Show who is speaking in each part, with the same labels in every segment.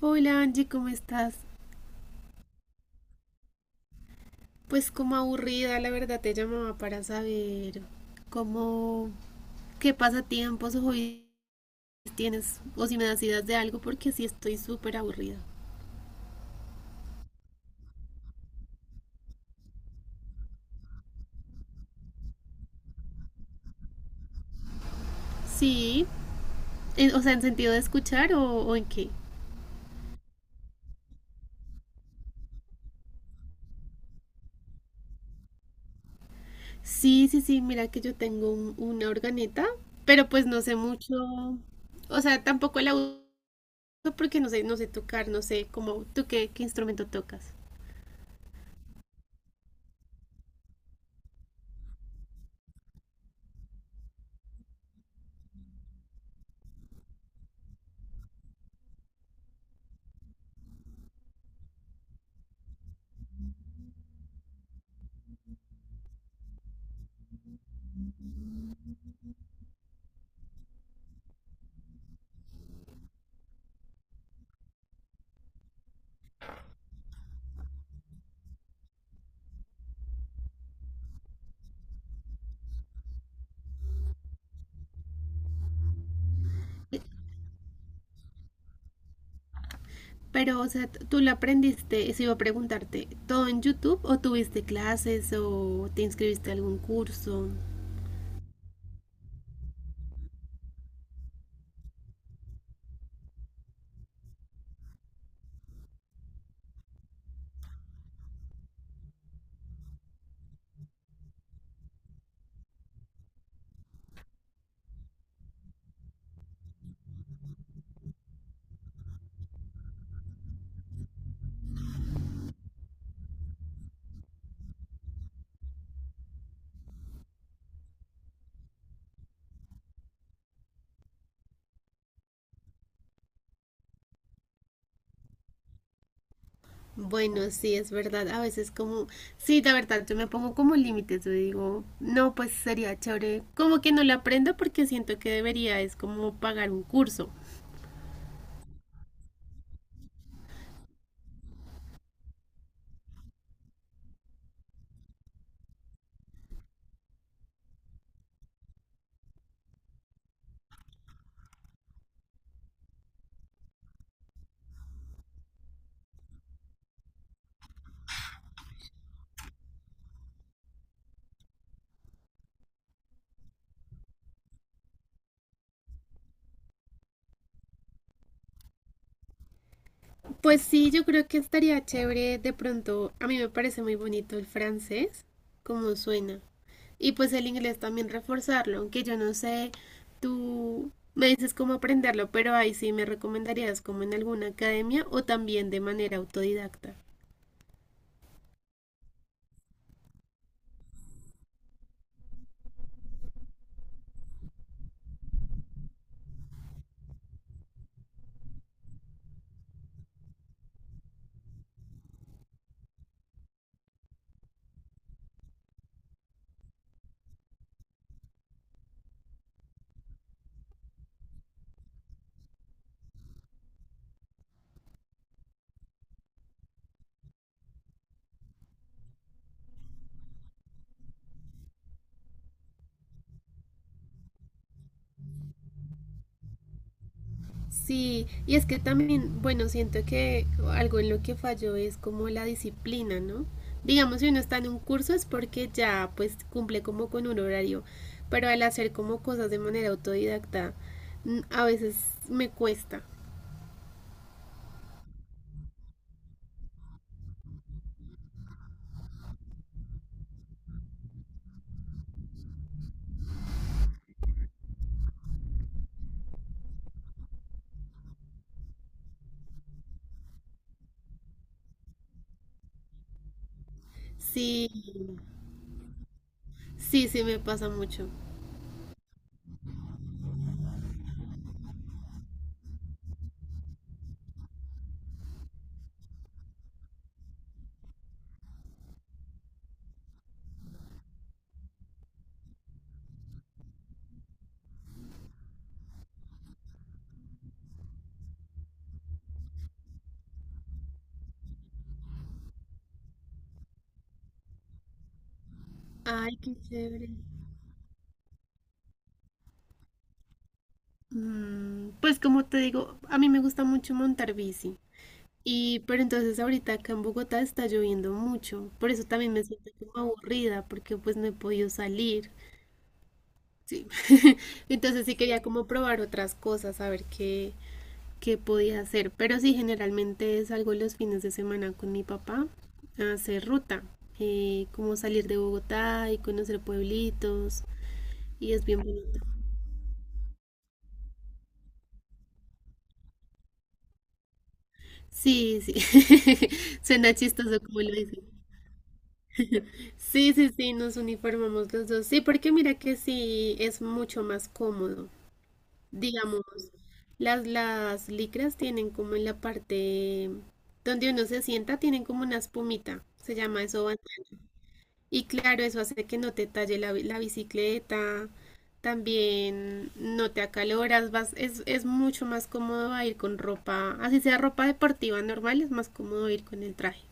Speaker 1: Hola Angie, ¿cómo estás? Pues como aburrida, la verdad te llamaba para saber cómo, qué pasatiempos o hobbies tienes o si me das ideas de algo porque sí estoy súper aburrida. Sí, o sea, en sentido de escuchar o en qué. Sí, sí, sí, mira que yo tengo una organeta, pero pues no sé mucho, o sea, tampoco la uso porque no sé, no sé tocar, no sé cómo, ¿tú qué instrumento tocas? Pero, o sea, tú lo aprendiste, eso iba a preguntarte, ¿todo en YouTube o tuviste clases o te inscribiste a algún curso? Bueno, sí, es verdad, a veces como, sí, la verdad, yo me pongo como límites, yo digo, no, pues sería chévere, como que no lo aprendo porque siento que debería, es como pagar un curso. Pues sí, yo creo que estaría chévere de pronto, a mí me parece muy bonito el francés, como suena. Y pues el inglés también reforzarlo, aunque yo no sé, tú me dices cómo aprenderlo, pero ahí sí me recomendarías como en alguna academia o también de manera autodidacta. Sí, y es que también, bueno, siento que algo en lo que falló es como la disciplina, ¿no? Digamos, si uno está en un curso es porque ya pues cumple como con un horario, pero al hacer como cosas de manera autodidacta, a veces me cuesta. Sí, sí, sí me pasa mucho. Ay, qué chévere. Pues como te digo, a mí me gusta mucho montar bici. Y pero entonces ahorita acá en Bogotá está lloviendo mucho, por eso también me siento como aburrida porque pues no he podido salir. Sí. Entonces sí quería como probar otras cosas, a ver qué podía hacer, pero sí generalmente salgo los fines de semana con mi papá a hacer ruta, como salir de Bogotá y conocer pueblitos y es bien bonito. Sí, sí. Suena chistoso como lo dices. Sí, sí, sí, nos uniformamos los dos. Sí, porque mira que sí es mucho más cómodo. Digamos, las licras tienen como en la parte donde uno se sienta, tienen como una espumita, se llama eso. Bandana. Y claro, eso hace que no te talle la bicicleta, también no te acaloras, vas, es mucho más cómodo a ir con ropa, así sea ropa deportiva normal, es más cómodo ir con el traje.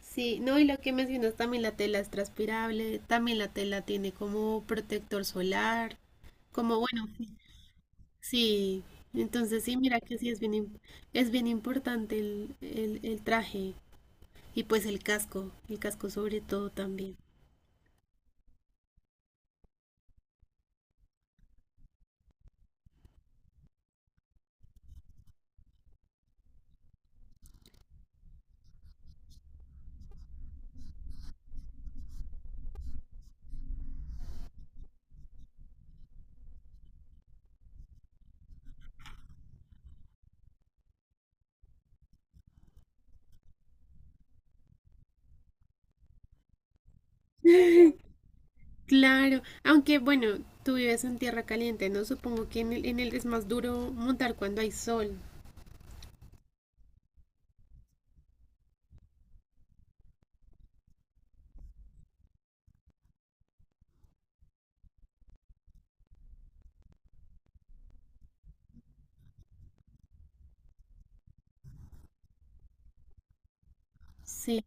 Speaker 1: Sí, no, y lo que mencionas también la tela es transpirable, también la tela tiene como protector solar, como bueno, sí, sí. Entonces sí, mira que sí es es bien importante el traje y pues el casco sobre todo también. Claro, aunque bueno, tú vives en tierra caliente, ¿no? Supongo que en el es más duro montar cuando hay sol. Sí,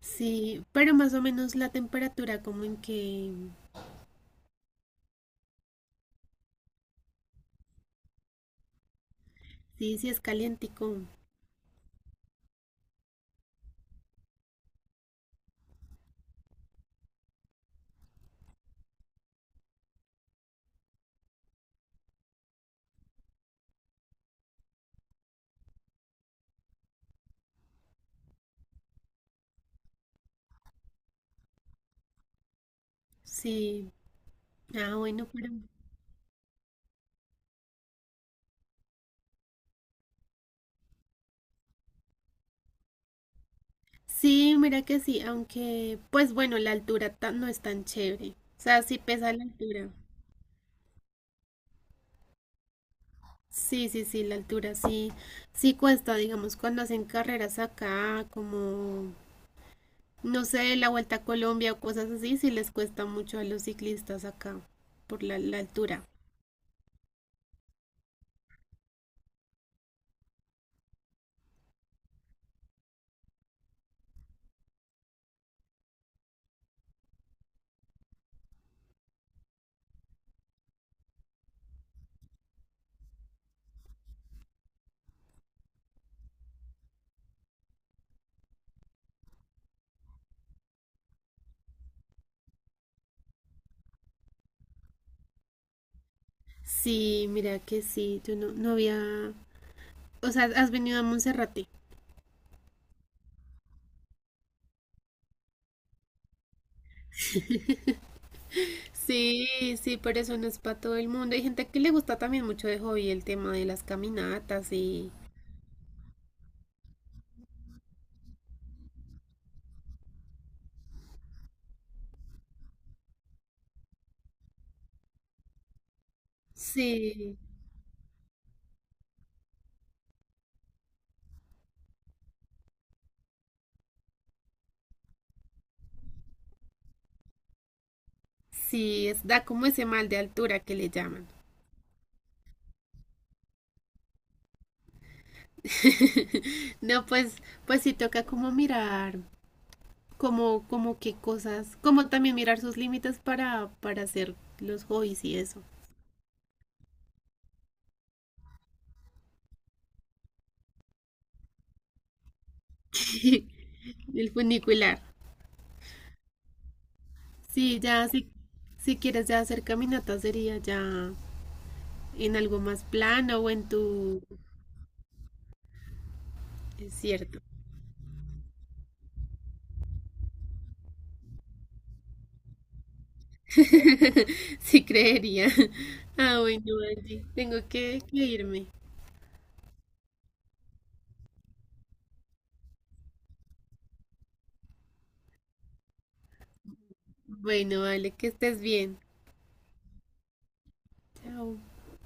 Speaker 1: sí, pero más o menos la temperatura como en que, sí, sí es calientico, sí. Ah, bueno, pero sí, mira que sí, aunque, pues bueno, no es tan chévere. O sea, sí pesa la altura. Sí, sí, sí, la altura sí, sí cuesta, digamos, cuando hacen carreras acá, como, no sé, la Vuelta a Colombia o cosas así, sí les cuesta mucho a los ciclistas acá, por la altura. Sí, mira que sí, yo no había, o sea, has venido a Monserrate. Sí, sí, pero eso no es para todo el mundo. Hay gente que le gusta también mucho de hobby el tema de las caminatas y... Sí, sí, es, da como ese mal de altura que le llaman. No, pues, pues sí toca como mirar, como, como qué cosas, como también mirar sus límites para hacer los hobbies y eso. El funicular. Sí, ya, si, si quieres ya hacer caminatas sería ya en algo más plano o en tu... Es cierto. Sí, creería. Ah, bueno, Angie, tengo que irme. Bueno, vale, que estés bien. Chao.